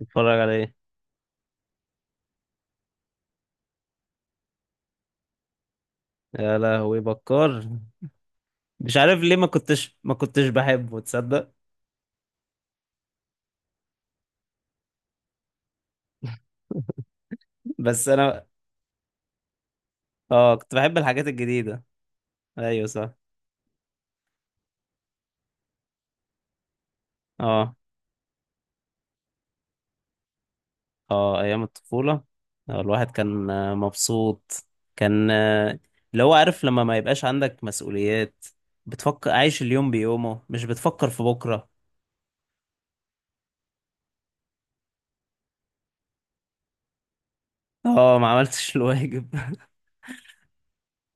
تتفرج على ايه؟ يا لهوي، بكار. مش عارف ليه ما كنتش بحبه، تصدق. بس انا، اه، كنت بحب الحاجات الجديدة. ايوه صح. اه. اه، ايام الطفولة. الواحد كان مبسوط. كان اللي هو عارف، لما ما يبقاش عندك مسؤوليات، بتفكر عايش اليوم بيومه، مش بتفكر في بكرة. اه، ما عملتش الواجب.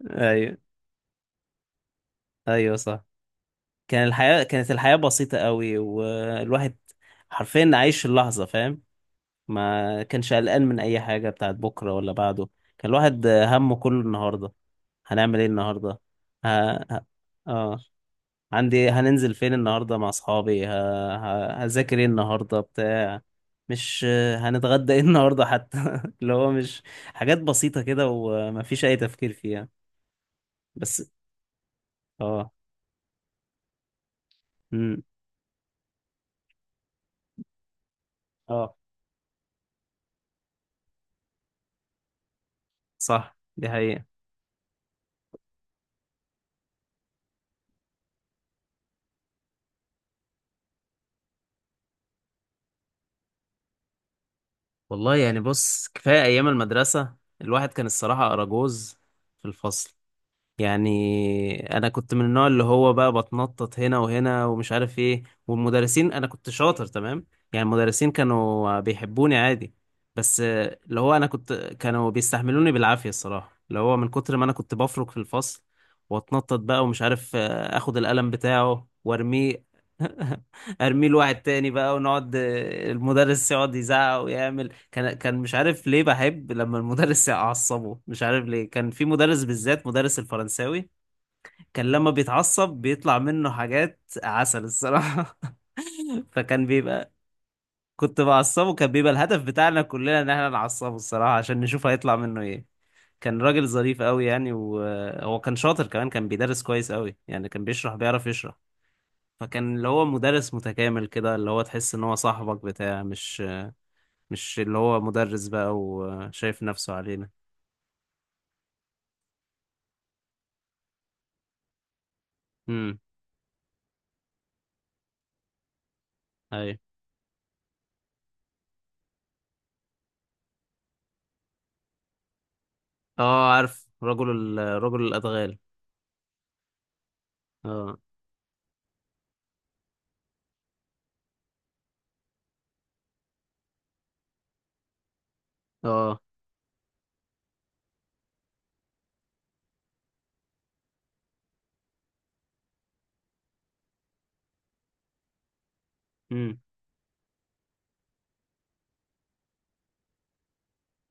ايوه. ايوه صح. كانت الحياة بسيطة قوي، والواحد حرفيا عايش اللحظة، فاهم. ما كانش قلقان من اي حاجه بتاعت بكره ولا بعده. كان الواحد همه كله النهارده. هنعمل ايه النهارده؟ ها ها. اه. عندي هننزل فين النهارده مع اصحابي؟ هذاكر ايه النهارده؟ بتاع مش، هنتغدى ايه النهارده حتى؟ اللي هو مش، حاجات بسيطه كده، ومفيش اي تفكير فيها. بس. اه. امم. اه، صح، دي حقيقة. والله يعني، بص، كفايه ايام المدرسه، الواحد كان الصراحه اراجوز في الفصل. يعني انا كنت من النوع اللي هو بقى بتنطط هنا وهنا، ومش عارف ايه، والمدرسين، انا كنت شاطر تمام، يعني المدرسين كانوا بيحبوني عادي. بس اللي هو انا كنت، كانوا بيستحملوني بالعافية الصراحة، اللي هو من كتر ما انا كنت بفرك في الفصل، واتنطط بقى، ومش عارف، اخد القلم بتاعه وارميه. ارميه لواحد تاني بقى، ونقعد، المدرس يقعد يزعق ويعمل. كان مش عارف ليه بحب لما المدرس يعصبه. مش عارف ليه، كان في مدرس بالذات، مدرس الفرنساوي، كان لما بيتعصب بيطلع منه حاجات عسل الصراحة. فكان بيبقى، كنت بعصبه. كان بيبقى الهدف بتاعنا كلنا ان احنا نعصبه الصراحة، عشان نشوف هيطلع منه ايه. كان راجل ظريف قوي يعني، وهو كان شاطر كمان، كان بيدرس كويس قوي يعني، كان بيشرح، بيعرف يشرح. فكان اللي هو مدرس متكامل كده، اللي هو تحس ان هو صاحبك بتاع، مش اللي هو مدرس بقى وشايف نفسه علينا. مم. اي. اه، عارف، رجل، رجل الادغال. اه. اه. امم.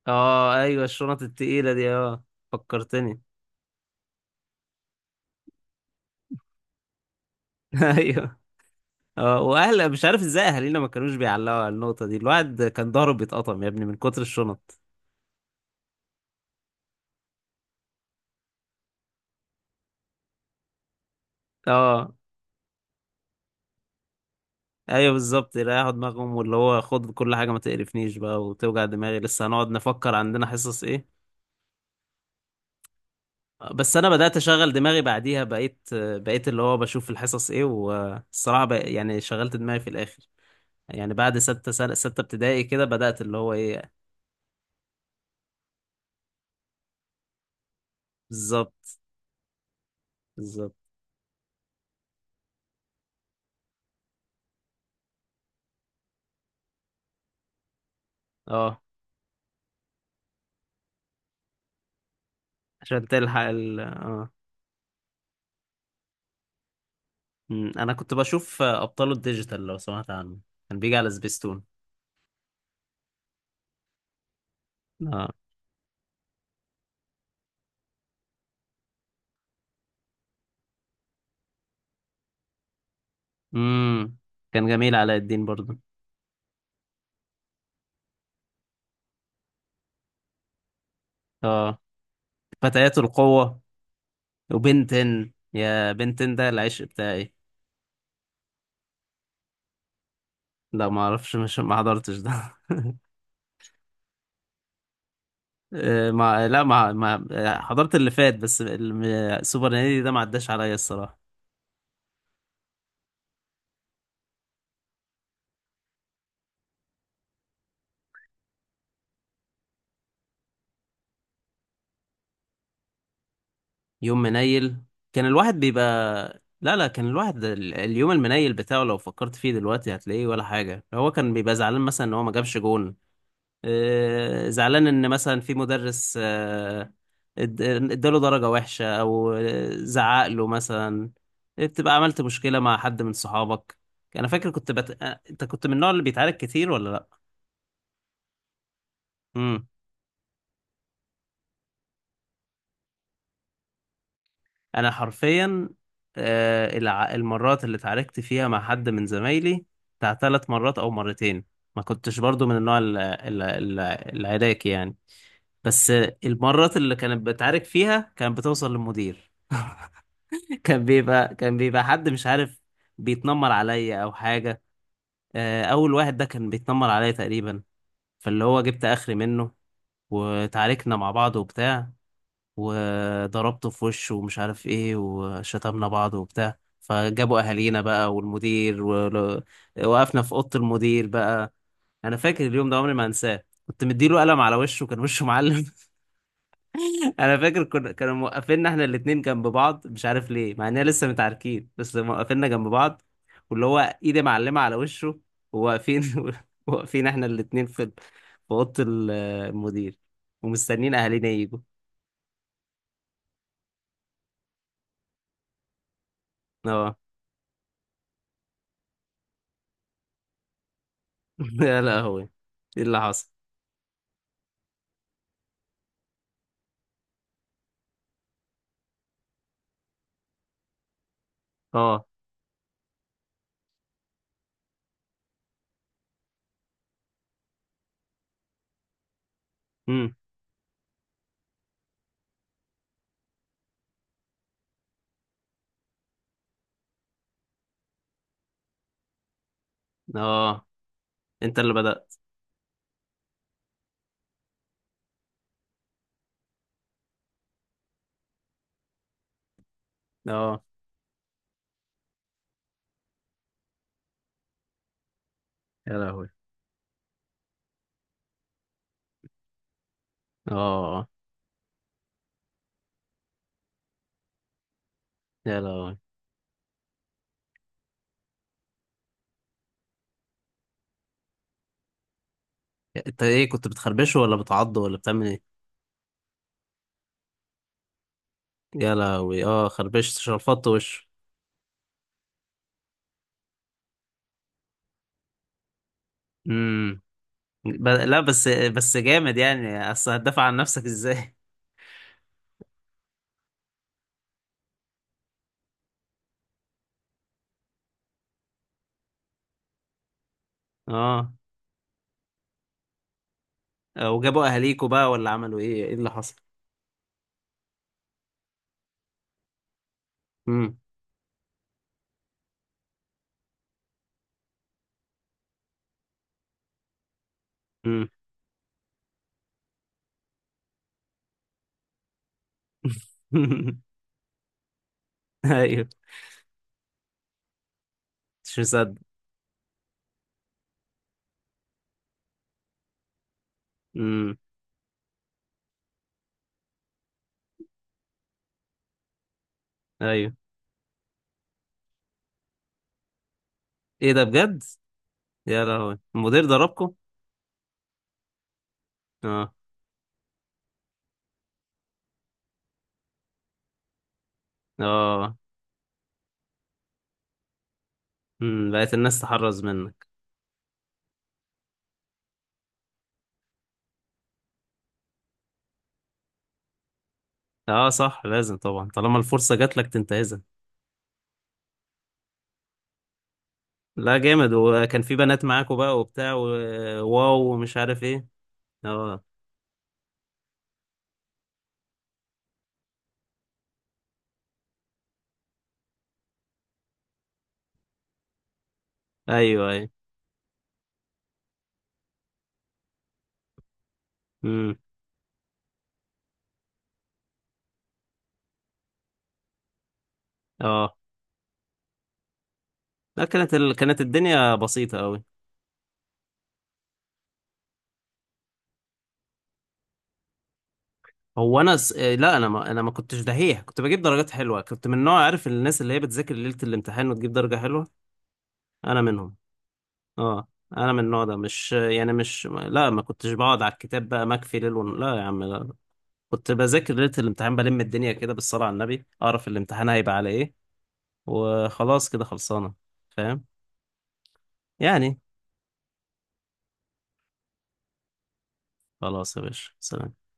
اه، ايوه، الشنط التقيله دي، اه، فكرتني. ايوه. اه، واهل، مش عارف ازاي اهالينا ما كانوش بيعلقوا على النقطه دي. الواحد كان ضهره بيتقطم يا ابني من كتر الشنط. اه. ايوه بالظبط، يريحوا دماغهم. واللي هو خد كل حاجه، ما تقرفنيش بقى وتوجع دماغي، لسه هنقعد نفكر عندنا حصص ايه. بس انا بدات اشغل دماغي بعديها. بقيت اللي هو بشوف الحصص ايه، والصراحه يعني شغلت دماغي في الاخر. يعني بعد ستة ابتدائي كده بدأت اللي هو ايه. بالظبط. بالظبط. اه، عشان تلحق ال اه انا كنت بشوف ابطال الديجيتال، لو سمعت عنه. كان بيجي على سبيستون. اه. امم. كان جميل علاء الدين برضو. اه، فتيات القوة. وبنتن، يا بنتن ده العشق بتاعي. لا، ما اعرفش، مش ما حضرتش ده. ما لا ما ما حضرت اللي فات. بس سوبر نادي ده ما عداش عليا الصراحة. يوم منيل؟ كان الواحد بيبقى، لا لا، كان الواحد اليوم المنيل بتاعه لو فكرت فيه دلوقتي هتلاقيه ولا حاجة. هو كان بيبقى زعلان، مثلا ان هو ما جابش جون. زعلان ان مثلا في مدرس اداله درجة وحشة، او زعق له مثلا. بتبقى عملت مشكلة مع حد من صحابك. انا فاكر كنت انت كنت من النوع اللي بيتعارك كتير ولا لا. امم. انا حرفيا، المرات اللي اتعاركت فيها مع حد من زمايلي بتاع ثلاث مرات او مرتين. ما كنتش برضو من النوع العراكي يعني. بس المرات اللي كانت بتعارك فيها كانت بتوصل للمدير. كان بيبقى حد مش عارف بيتنمر عليا او حاجة. اول واحد ده كان بيتنمر عليا تقريبا، فاللي هو جبت اخري منه، وتعاركنا مع بعض وبتاع، وضربته في وشه، ومش عارف ايه، وشتمنا بعض وبتاع، فجابوا اهالينا بقى والمدير، ووقفنا في اوضه المدير بقى. انا فاكر اليوم ده عمري ما انساه، كنت مديله قلم على وشه، كان وشه معلم. انا فاكر كنا كانوا موقفيننا احنا الاتنين جنب بعض، مش عارف ليه، مع اننا لسه متعاركين، بس موقفيننا جنب بعض، واللي هو ايدي معلمه على وشه، وواقفين. واقفين احنا الاتنين في اوضه المدير، ومستنيين اهالينا يجوا. اه. يا لهوي، ايه اللي حصل؟ اه. امم. اه، انت اللي بدأت. اه، يا لهوي. اه، يا لهوي، انت ايه، كنت بتخربشه ولا بتعضه ولا بتعمل ايه؟ يا لهوي، اه، خربشت شلفطت وشه. امم، لا، بس جامد يعني، اصل هتدافع عن نفسك ازاي. اه، وجابوا اهاليكوا بقى ولا عملوا ايه؟ ايه اللي حصل؟ امم. امم. ايوه، مش مصدق. امم. ايوه. ايه ده بجد؟ يا لهوي، المدير ضربكوا؟ اه. اه. امم، بقت الناس تحرز منك. اه صح، لازم طبعا، طالما الفرصة جات لك تنتهزها. لا جامد، وكان في بنات معاكوا بقى وبتاع، وواو، ومش عارف ايه. اه. ايوه ايوه. امم. اه. لا، كانت الدنيا بسيطة قوي. هو انا لا، انا ما... انا ما كنتش دحيح، كنت بجيب درجات حلوة. كنت من نوع، عارف، الناس اللي هي بتذاكر ليلة الامتحان وتجيب درجة حلوة، انا منهم. اه. انا من النوع ده، مش يعني مش، لا ما كنتش بقعد على الكتاب بقى مكفي ليل لا يا عم لا. كنت بذاكر ليلة الامتحان، بلم الدنيا كده بالصلاة على النبي، أعرف الامتحان هيبقى على إيه، وخلاص كده خلصانة. فاهم؟ يعني. خلاص يا باشا، سلام.